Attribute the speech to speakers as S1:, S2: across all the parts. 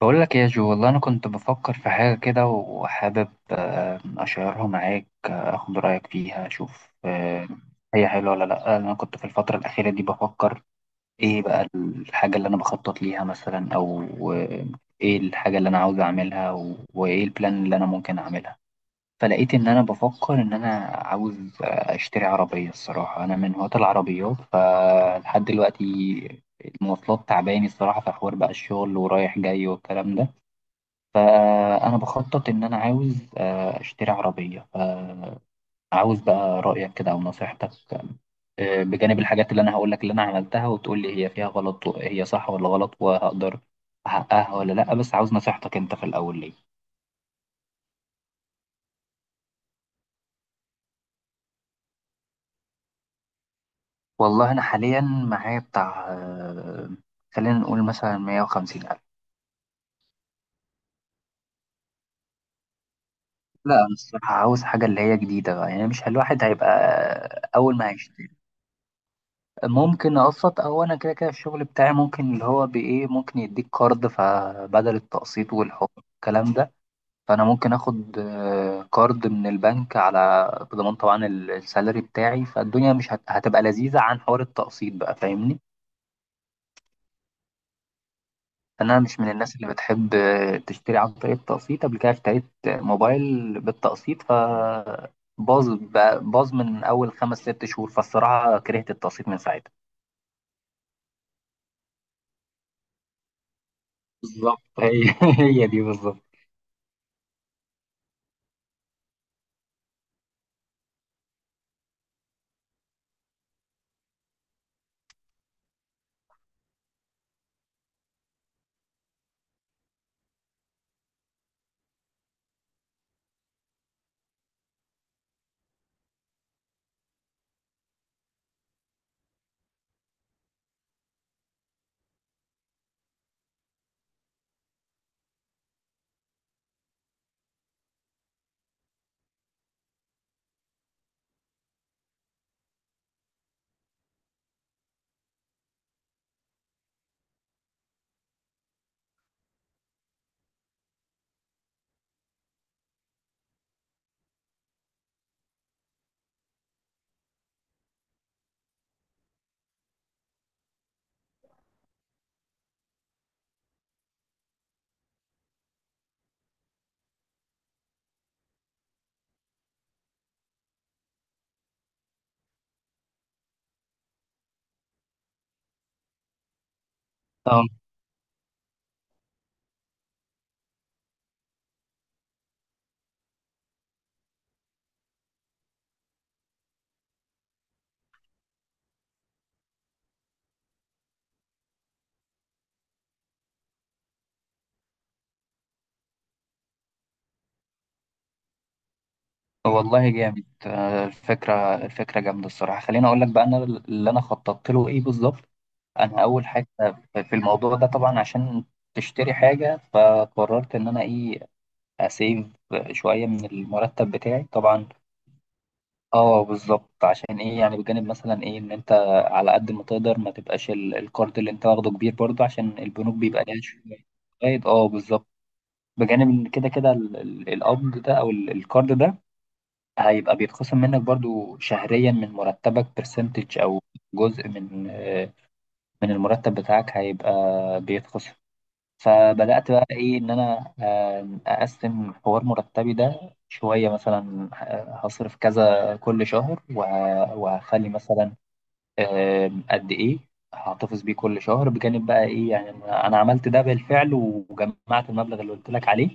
S1: بقول لك يا جو، والله انا كنت بفكر في حاجه كده وحابب اشيرها معاك، اخد رايك فيها اشوف. هي حلوه ولا لا؟ انا كنت في الفتره الاخيره دي بفكر ايه بقى الحاجه اللي انا بخطط ليها مثلا، او آه، ايه الحاجه اللي انا عاوز اعملها وايه البلان اللي انا ممكن اعملها. فلقيت ان انا بفكر ان انا عاوز اشتري عربيه. الصراحه انا من هواة العربيات، فلحد دلوقتي المواصلات تعباني الصراحه، في حوار بقى الشغل ورايح جاي والكلام ده. فأنا بخطط إن أنا عاوز أشتري عربية. فعاوز بقى رأيك كده أو نصيحتك، بجانب الحاجات اللي أنا هقولك اللي أنا عملتها، وتقول لي هي فيها غلط، هي صح ولا غلط، وهقدر أحققها ولا لأ. بس عاوز نصيحتك أنت في الأول ليه. والله أنا حاليا معايا بتاع خلينا نقول مثلا 150 ألف. لا أنا الصراحة عاوز حاجة اللي هي جديدة بقى، يعني مش الواحد هيبقى أول ما هيشتري. ممكن اقسط، او انا كده كده الشغل بتاعي ممكن اللي هو بايه ممكن يديك كارد، فبدل التقسيط والحكم الكلام ده فانا ممكن اخد كارد من البنك على بضمان طبعا السالري بتاعي، فالدنيا مش هتبقى لذيذة عن حوار التقسيط بقى، فاهمني. انا مش من الناس اللي بتحب تشتري عن طريق التقسيط. قبل كده اشتريت موبايل بالتقسيط ف باظ من اول خمس ست شهور، فالصراحة كرهت التقسيط من ساعتها. بالظبط هي هي دي بالظبط. والله جامد الفكرة جامدة الصراحة. خليني أقول لك بقى أنا اللي أنا خططت له إيه بالظبط. أنا أول حاجة في الموضوع ده طبعا عشان تشتري حاجة، فقررت إن أنا إيه، أسيف شوية من المرتب بتاعي طبعا. أه بالظبط عشان إيه، يعني بجانب مثلا إيه إن أنت على قد ما تقدر ما تبقاش الكارد اللي أنت واخده كبير، برضه عشان البنوك بيبقى ليها شوية. أه بالظبط. بجانب إن كده كده القبض ده أو الكارد ده هيبقى بيتخصم منك برضو شهريا من مرتبك برسنتج، او جزء من من المرتب بتاعك هيبقى بيتخصم. فبدأت بقى ايه ان انا اقسم حوار مرتبي ده شوية، مثلا هصرف كذا كل شهر، وهخلي مثلا قد ايه هحتفظ بيه كل شهر. بجانب بقى ايه، يعني أنا عملت ده بالفعل وجمعت المبلغ اللي قلت لك عليه.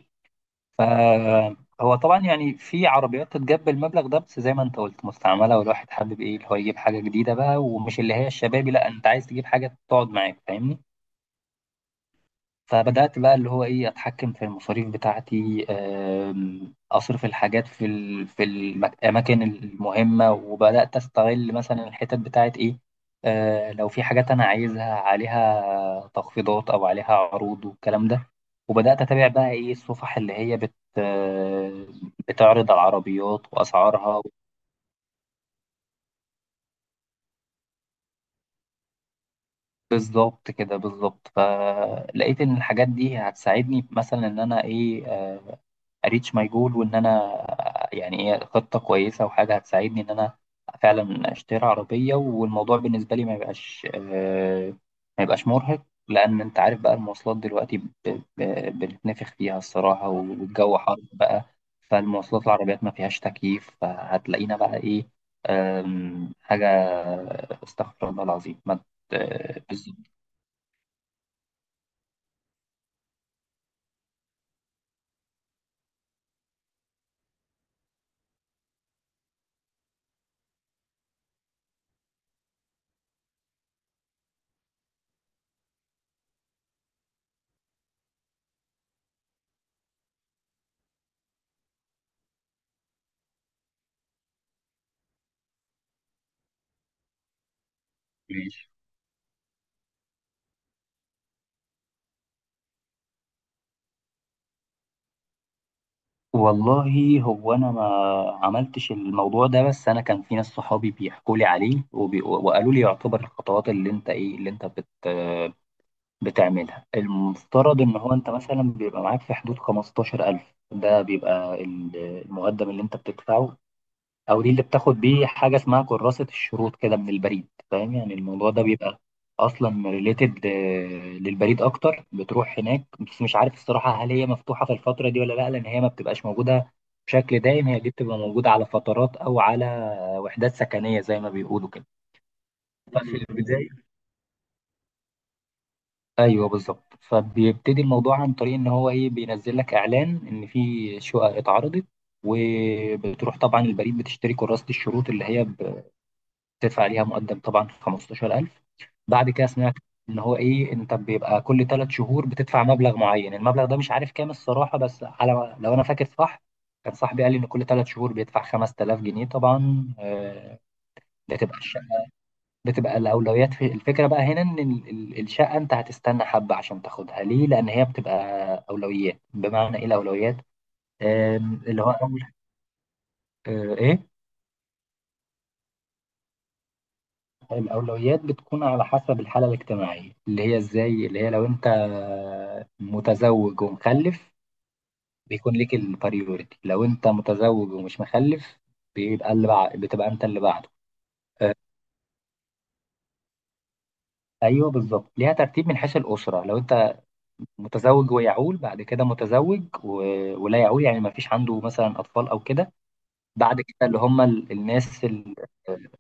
S1: فهو طبعا يعني في عربيات تتجاب المبلغ ده، بس زي ما انت قلت مستعمله، والواحد حابب ايه اللي هو يجيب حاجه جديده بقى، ومش اللي هي الشبابي. لا انت عايز تجيب حاجه تقعد معاك، فاهمني. فبدأت بقى اللي هو إيه أتحكم في المصاريف بتاعتي، أصرف الحاجات في الأماكن المهمة، وبدأت أستغل مثلا الحتت بتاعت إيه، لو في حاجات أنا عايزها عليها تخفيضات أو عليها عروض والكلام ده. وبدأت أتابع بقى إيه الصفح اللي هي بت آه، بتعرض على العربيات وأسعارها. بالظبط كده بالظبط. فلقيت إن الحاجات دي هتساعدني مثلا إن أنا إيه، اريتش ماي جول، وان انا يعني ايه خطه كويسه، وحاجه هتساعدني ان انا فعلا اشتري عربيه، والموضوع بالنسبه لي ما يبقاش ما يبقاش مرهق. لان انت عارف بقى المواصلات دلوقتي بنتنفخ فيها الصراحه، والجو حر بقى. فالمواصلات العربيات ما فيهاش تكييف، فهتلاقينا بقى ايه، حاجه استغفر الله العظيم ما بالظبط. ماشي. والله هو انا ما عملتش الموضوع ده، بس انا كان في ناس صحابي بيحكوا لي عليه، وقالوا لي يعتبر الخطوات اللي انت ايه اللي انت بتعملها. المفترض ان هو انت مثلا بيبقى معاك في حدود 15,000، ده بيبقى المقدم اللي انت بتدفعه، او دي اللي بتاخد بيه حاجه اسمها كراسه الشروط كده من البريد. فاهم، يعني الموضوع ده بيبقى اصلا ريليتد للبريد اكتر، بتروح هناك. بس مش عارف الصراحه هل هي مفتوحه في الفتره دي ولا لا، لان هي ما بتبقاش موجوده بشكل دائم. هي دي بتبقى موجوده على فترات، او على وحدات سكنيه زي ما بيقولوا كده. ففي البدايه، ايوه بالظبط، فبيبتدي الموضوع عن طريق ان هو ايه، بينزل لك اعلان ان في شقق اتعرضت. وبتروح طبعا البريد بتشتري كراسة الشروط، اللي هي تدفع عليها مقدم طبعا 15,000. بعد كده سمعت ان هو ايه، انت بيبقى كل ثلاث شهور بتدفع مبلغ معين. المبلغ ده مش عارف كام الصراحه، بس على لو انا فاكر صح كان صاحبي قال لي ان كل ثلاث شهور بيدفع 5,000 جنيه طبعا. بتبقى الشقه، بتبقى الاولويات في الفكره بقى هنا ان الشقه انت هتستنى حبه عشان تاخدها. ليه؟ لان هي بتبقى اولويات. بمعنى ايه الاولويات؟ اللي هو اول آه، ايه، الأولويات بتكون على حسب الحالة الاجتماعية اللي هي إزاي. اللي هي لو أنت متزوج ومخلف بيكون ليك البريوريتي. لو أنت متزوج ومش مخلف بيبقى اللي بتبقى أنت اللي بعده. أيوه بالظبط، ليها ترتيب من حيث الأسرة. لو أنت متزوج ويعول، بعد كده متزوج ولا يعول، يعني ما فيش عنده مثلا أطفال أو كده. بعد كده اللي هم الناس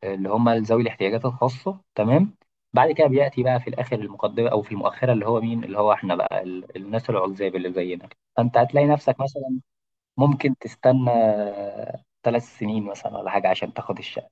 S1: اللي هم ذوي الاحتياجات الخاصة، تمام. بعد كده بيأتي بقى في الآخر المقدمة أو في المؤخرة، اللي هو مين، اللي هو إحنا بقى الناس العزاب اللي زينا. فأنت هتلاقي نفسك مثلا ممكن تستنى ثلاث سنين مثلا ولا حاجة عشان تاخد الشقة.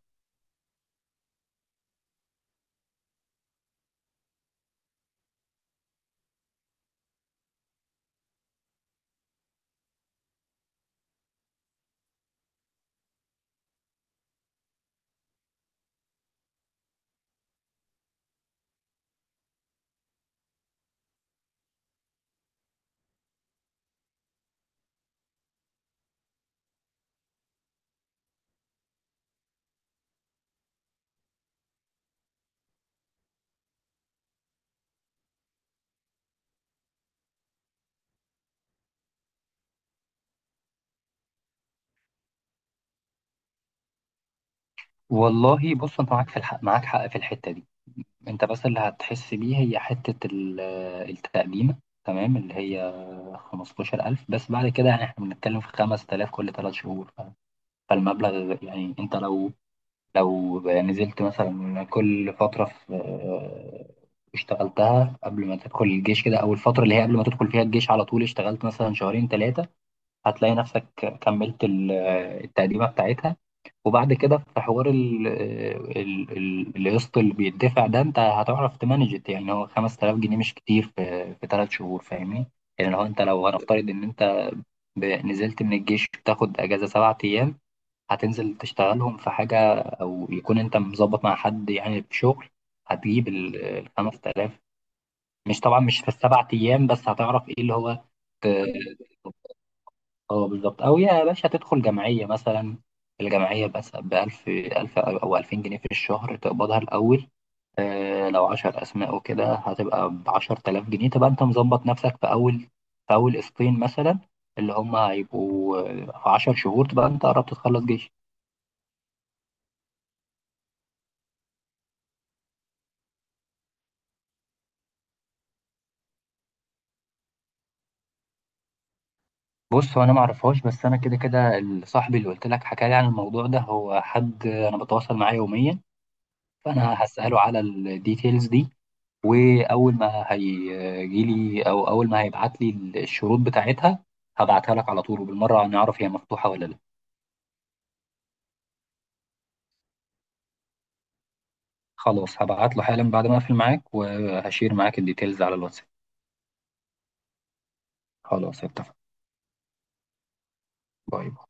S1: والله بص، أنت معاك في الحق، معاك حق في الحتة دي. أنت بس اللي هتحس بيه هي حتة التقديمة، تمام، اللي هي 15,000 بس. بعد كده يعني إحنا بنتكلم في 5,000 كل ثلاث شهور. فالمبلغ يعني انت لو يعني نزلت مثلا كل فترة في اشتغلتها قبل ما تدخل الجيش كده، او الفترة اللي هي قبل ما تدخل فيها الجيش على طول اشتغلت مثلا شهرين ثلاثة، هتلاقي نفسك كملت التقديمة بتاعتها. وبعد كده في حوار القسط اللي بيدفع ده، انت هتعرف تمانجت. يعني هو 5,000 جنيه مش كتير في في ثلاث شهور، فاهمني. يعني لو انت لو هنفترض ان انت نزلت من الجيش بتاخد اجازة 7 ايام، هتنزل تشتغلهم في حاجة، أو يكون أنت مظبط مع حد يعني في شغل هتجيب الخمس تلاف. مش طبعا مش في ال7 أيام، بس هتعرف إيه اللي هو ت- اه بالظبط. أو يا باشا تدخل جمعية مثلا. الجمعية بس بألف، ألف أو ألفين جنيه في الشهر تقبضها الأول. لو 10 أسماء وكده هتبقى بـ10,000 جنيه، تبقى أنت مظبط نفسك في أول قسطين مثلا، اللي هم هيبقوا في 10 شهور، تبقى أنت قربت تخلص جيش. بص هو انا ما اعرفهاش، بس انا كده كده صاحبي اللي قلت لك حكى لي عن الموضوع ده هو حد انا بتواصل معاه يوميا. فانا هساله على الديتيلز دي، واول ما هيجي لي او اول ما هيبعت لي الشروط بتاعتها هبعتها لك على طول، وبالمره هنعرف هي مفتوحه ولا لا. خلاص هبعت له حالا بعد ما اقفل معاك، وهشير معاك الديتيلز على الواتساب. خلاص اتفق. باي باي.